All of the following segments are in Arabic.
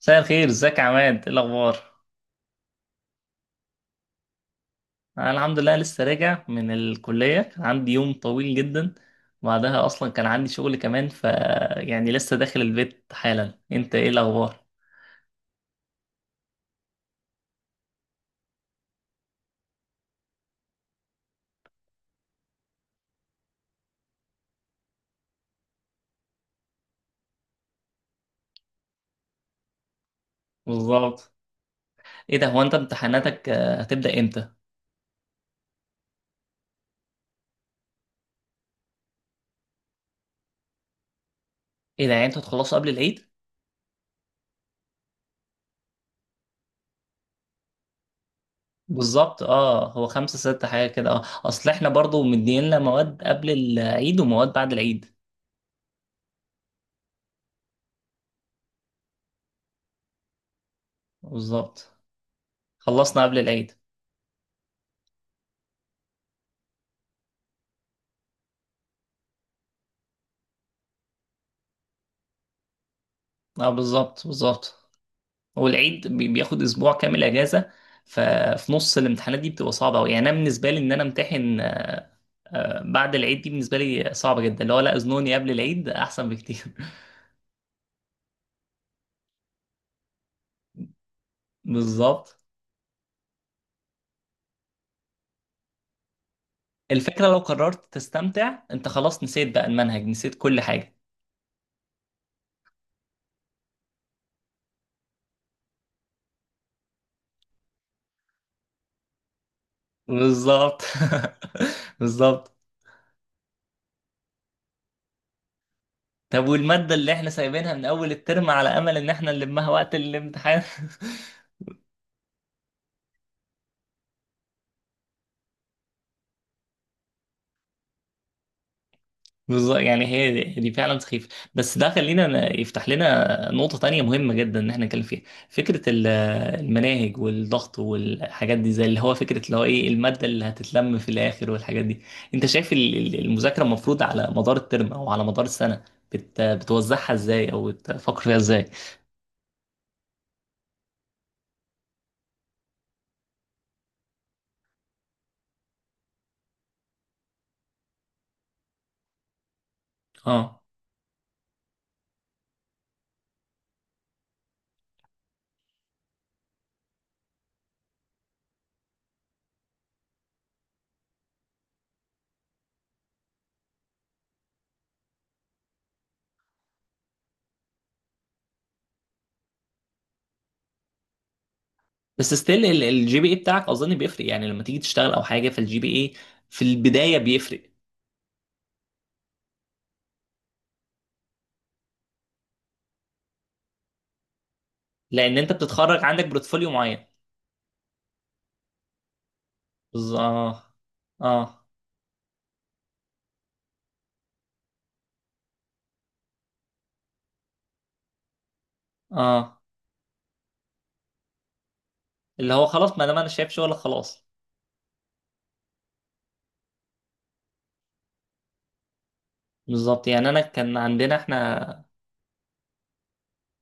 مساء الخير، ازيك يا عماد؟ ايه الاخبار؟ انا الحمد لله، لسه راجع من الكليه. كان عندي يوم طويل جدا، بعدها اصلا كان عندي شغل كمان، ف يعني لسه داخل البيت حالا. انت ايه الاخبار؟ بالظبط. ايه ده؟ هو انت امتحاناتك هتبدا امتى؟ ايه ده؟ يعني انتوا هتخلصوا قبل العيد؟ بالظبط. اه، هو خمسة ستة حاجه كده. اه اصل احنا برضو مدينا مواد قبل العيد ومواد بعد العيد. بالظبط، خلصنا قبل العيد. اه، بالظبط بالظبط. هو العيد بياخد اسبوع كامل اجازه. ففي نص الامتحانات دي بتبقى صعبه قوي، يعني انا بالنسبه لي ان انا امتحن بعد العيد دي بالنسبه لي صعبه جدا، اللي هو لا اذنوني قبل العيد احسن بكتير بالظبط. الفكره لو قررت تستمتع انت خلاص نسيت بقى المنهج، نسيت كل حاجه. بالظبط بالظبط، طب والماده اللي احنا سايبينها من اول الترم على امل ان احنا نلمها وقت الامتحان؟ بالظبط، يعني هي دي فعلا سخيفة. بس ده خلينا يفتح لنا نقطة تانية مهمة جدا إن احنا نتكلم فيها. فكرة المناهج والضغط والحاجات دي، زي اللي هو فكرة اللي هو إيه المادة اللي هتتلم في الآخر والحاجات دي. أنت شايف المذاكرة المفروض على مدار الترم أو على مدار السنة بتوزعها إزاي أو بتفكر فيها إزاي؟ اه، بس ستيل الجي بي اي بتاعك اظن بيفرق، يعني لما تيجي تشتغل او حاجه فالجي بي اي في البدايه بيفرق. لان انت بتتخرج عندك بورتفوليو معين. بالظبط. اه اه اللي هو خلاص ما دام انا شايف شغل خلاص. بالظبط، يعني انا كان عندنا احنا،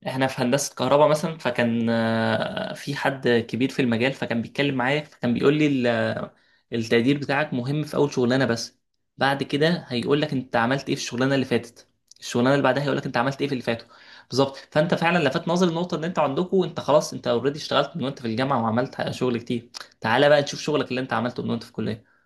احنا في هندسة كهرباء مثلا. فكان في حد كبير في المجال، فكان بيتكلم معايا فكان بيقول لي التقدير بتاعك مهم في اول شغلانة بس، بعد كده هيقول لك انت عملت ايه في الشغلانة اللي فاتت، الشغلانة اللي بعدها هيقول لك انت عملت ايه في اللي فاتوا. بالظبط، فانت فعلا لفت نظري النقطة ان انت عندكم، انت خلاص، انت اوريدي اشتغلت من وانت في الجامعة وعملت شغل كتير. تعالى بقى نشوف شغلك اللي انت عملته من وانت في الكلية.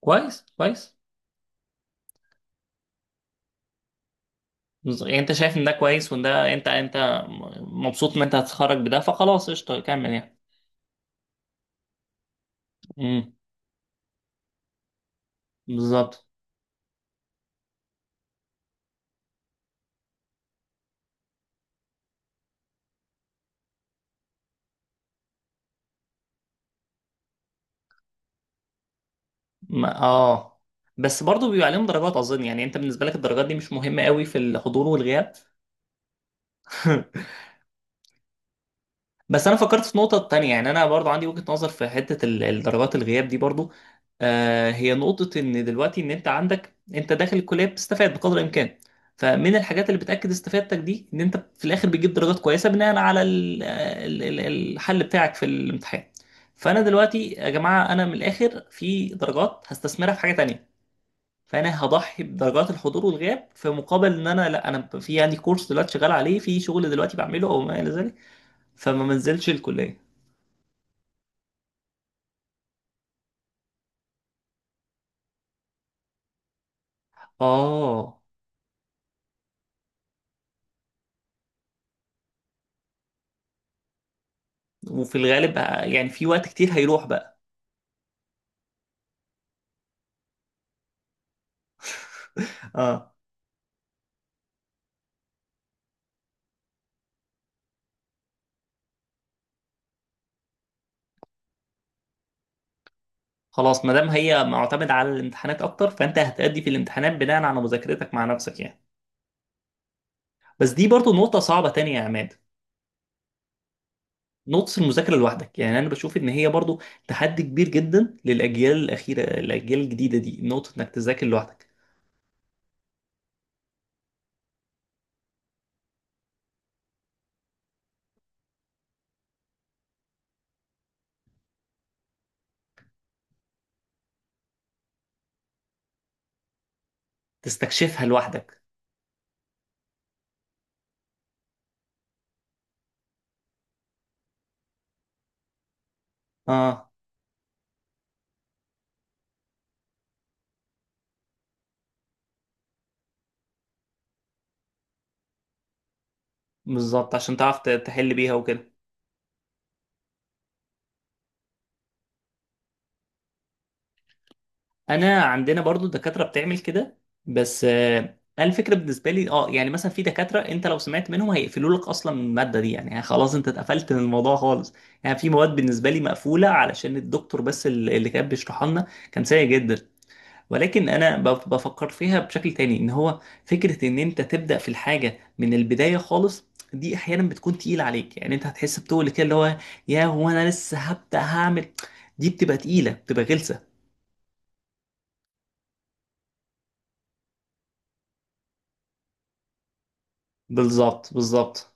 كويس كويس. يعني انت شايف ان ده كويس وان ده، انت مبسوط ان انت هتتخرج بده فخلاص قشطه كمل يعني. امم. بالظبط. ما- اه بس برضه بيبقى عليهم درجات اظن، يعني انت بالنسبه لك الدرجات دي مش مهمه قوي في الحضور والغياب. بس انا فكرت في نقطة تانية، يعني انا برضو عندي وجهة نظر في حتة الدرجات الغياب دي برضو. هي نقطة ان دلوقتي ان انت عندك، انت داخل الكلية بتستفاد بقدر الامكان. فمن الحاجات اللي بتأكد استفادتك دي ان انت في الاخر بتجيب درجات كويسة بناء على الحل بتاعك في الامتحان. فانا دلوقتي يا جماعة، انا من الاخر في درجات هستثمرها في حاجة تانية. فانا هضحي بدرجات الحضور والغياب في مقابل ان انا لا انا في عندي كورس دلوقتي شغال عليه، في شغل دلوقتي بعمله او ما الى ذلك. فما منزلش الكلية. اه، وفي الغالب يعني في وقت كتير هيروح بقى. اه، خلاص ما دام هي معتمدة على الامتحانات اكتر، فانت هتأدي في الامتحانات بناء على مذاكرتك مع نفسك يعني. بس دي برضو نقطة صعبة تانية يا عماد. نقطة المذاكرة لوحدك، يعني انا بشوف ان هي برضو تحدي كبير جدا للاجيال الاخيرة، الاجيال الجديدة دي، نقطة انك تذاكر لوحدك، تستكشفها لوحدك. اه، بالظبط، عشان تعرف تحل بيها وكده. انا عندنا برضو دكاتره بتعمل كده. بس انا الفكره بالنسبه لي يعني مثلا في دكاتره انت لو سمعت منهم هيقفلوا لك اصلا من الماده دي، يعني خلاص انت اتقفلت من الموضوع خالص. يعني في مواد بالنسبه لي مقفوله علشان الدكتور، بس اللي كان بيشرحها لنا كان سيء جدا. ولكن انا بفكر فيها بشكل تاني، ان هو فكره ان انت تبدا في الحاجه من البدايه خالص، دي احيانا بتكون تقيله عليك. يعني انت هتحس بتقول كده اللي هو يا هو انا لسه هبدا هعمل، دي بتبقى تقيله بتبقى غلسه. بالظبط بالظبط.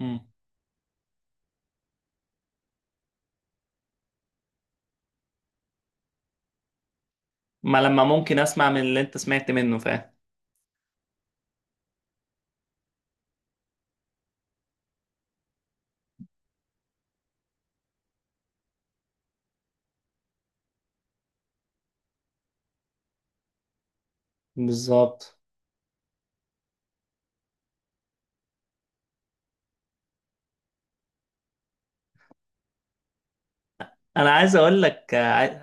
مم. ما لما ممكن اسمع من اللي انت سمعت منه فاهم. بالظبط، انا عايز اقول لك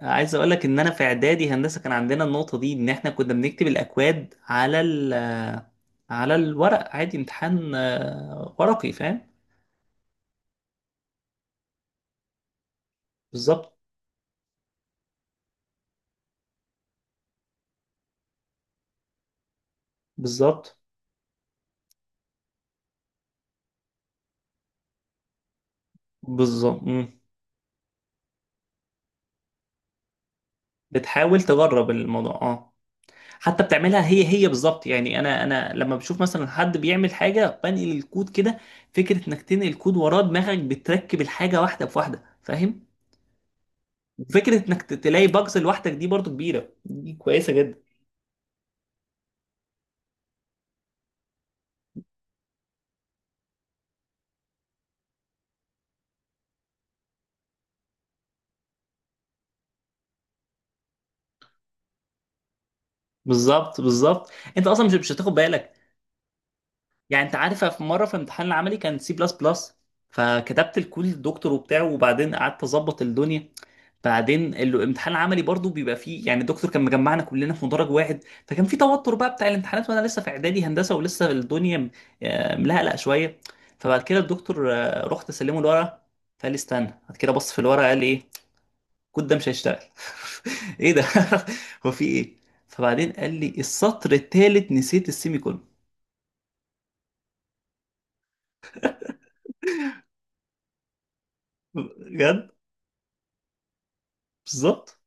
عايز اقول لك ان انا في اعدادي هندسه كان عندنا النقطه دي، ان احنا كنا بنكتب الاكواد على الورق عادي، امتحان ورقي فاهم. بالظبط بالظبط بالظبط. مم. بتحاول تجرب الموضوع، اه. حتى بتعملها، هي هي بالظبط، يعني انا لما بشوف مثلا حد بيعمل حاجه بنقل الكود كده، فكره انك تنقل كود وراه دماغك بتركب الحاجه واحده بواحده فاهم. فكره انك تلاقي باجز لوحدك، دي برضو كبيره، دي كويسه جدا. بالظبط بالظبط. انت اصلا مش هتاخد بالك. يعني انت عارف في مره في امتحان العملي كان سي بلس بلس، فكتبت الكود للدكتور وبتاعه وبعدين قعدت اظبط الدنيا. بعدين الامتحان العملي برضو بيبقى فيه يعني. الدكتور كان مجمعنا كلنا في مدرج واحد، فكان في توتر بقى بتاع الامتحانات وانا لسه في اعدادي هندسه ولسه الدنيا ملهلقه شويه. فبعد كده الدكتور، رحت اسلمه الورقه، فقال لي استنى. بعد كده بص في الورقه قال لي ايه، الكود ده مش هيشتغل ايه ده؟ هو في ايه؟ فبعدين قال لي السطر الثالث نسيت السيمي كولون. بجد. بالظبط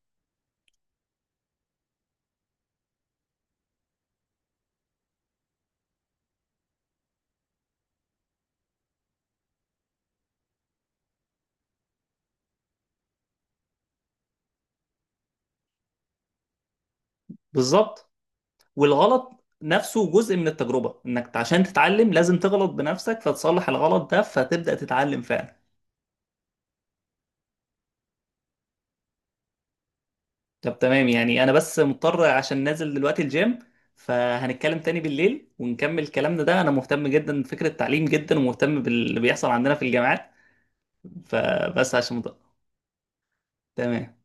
بالظبط. والغلط نفسه جزء من التجربة، انك عشان تتعلم لازم تغلط بنفسك فتصلح الغلط ده فتبدأ تتعلم فعلا. طب تمام، يعني انا بس مضطر عشان نازل دلوقتي الجيم. فهنتكلم تاني بالليل ونكمل كلامنا ده، انا مهتم جدا بفكرة التعليم جدا ومهتم باللي بيحصل عندنا في الجامعات. فبس عشان مضطر. تمام.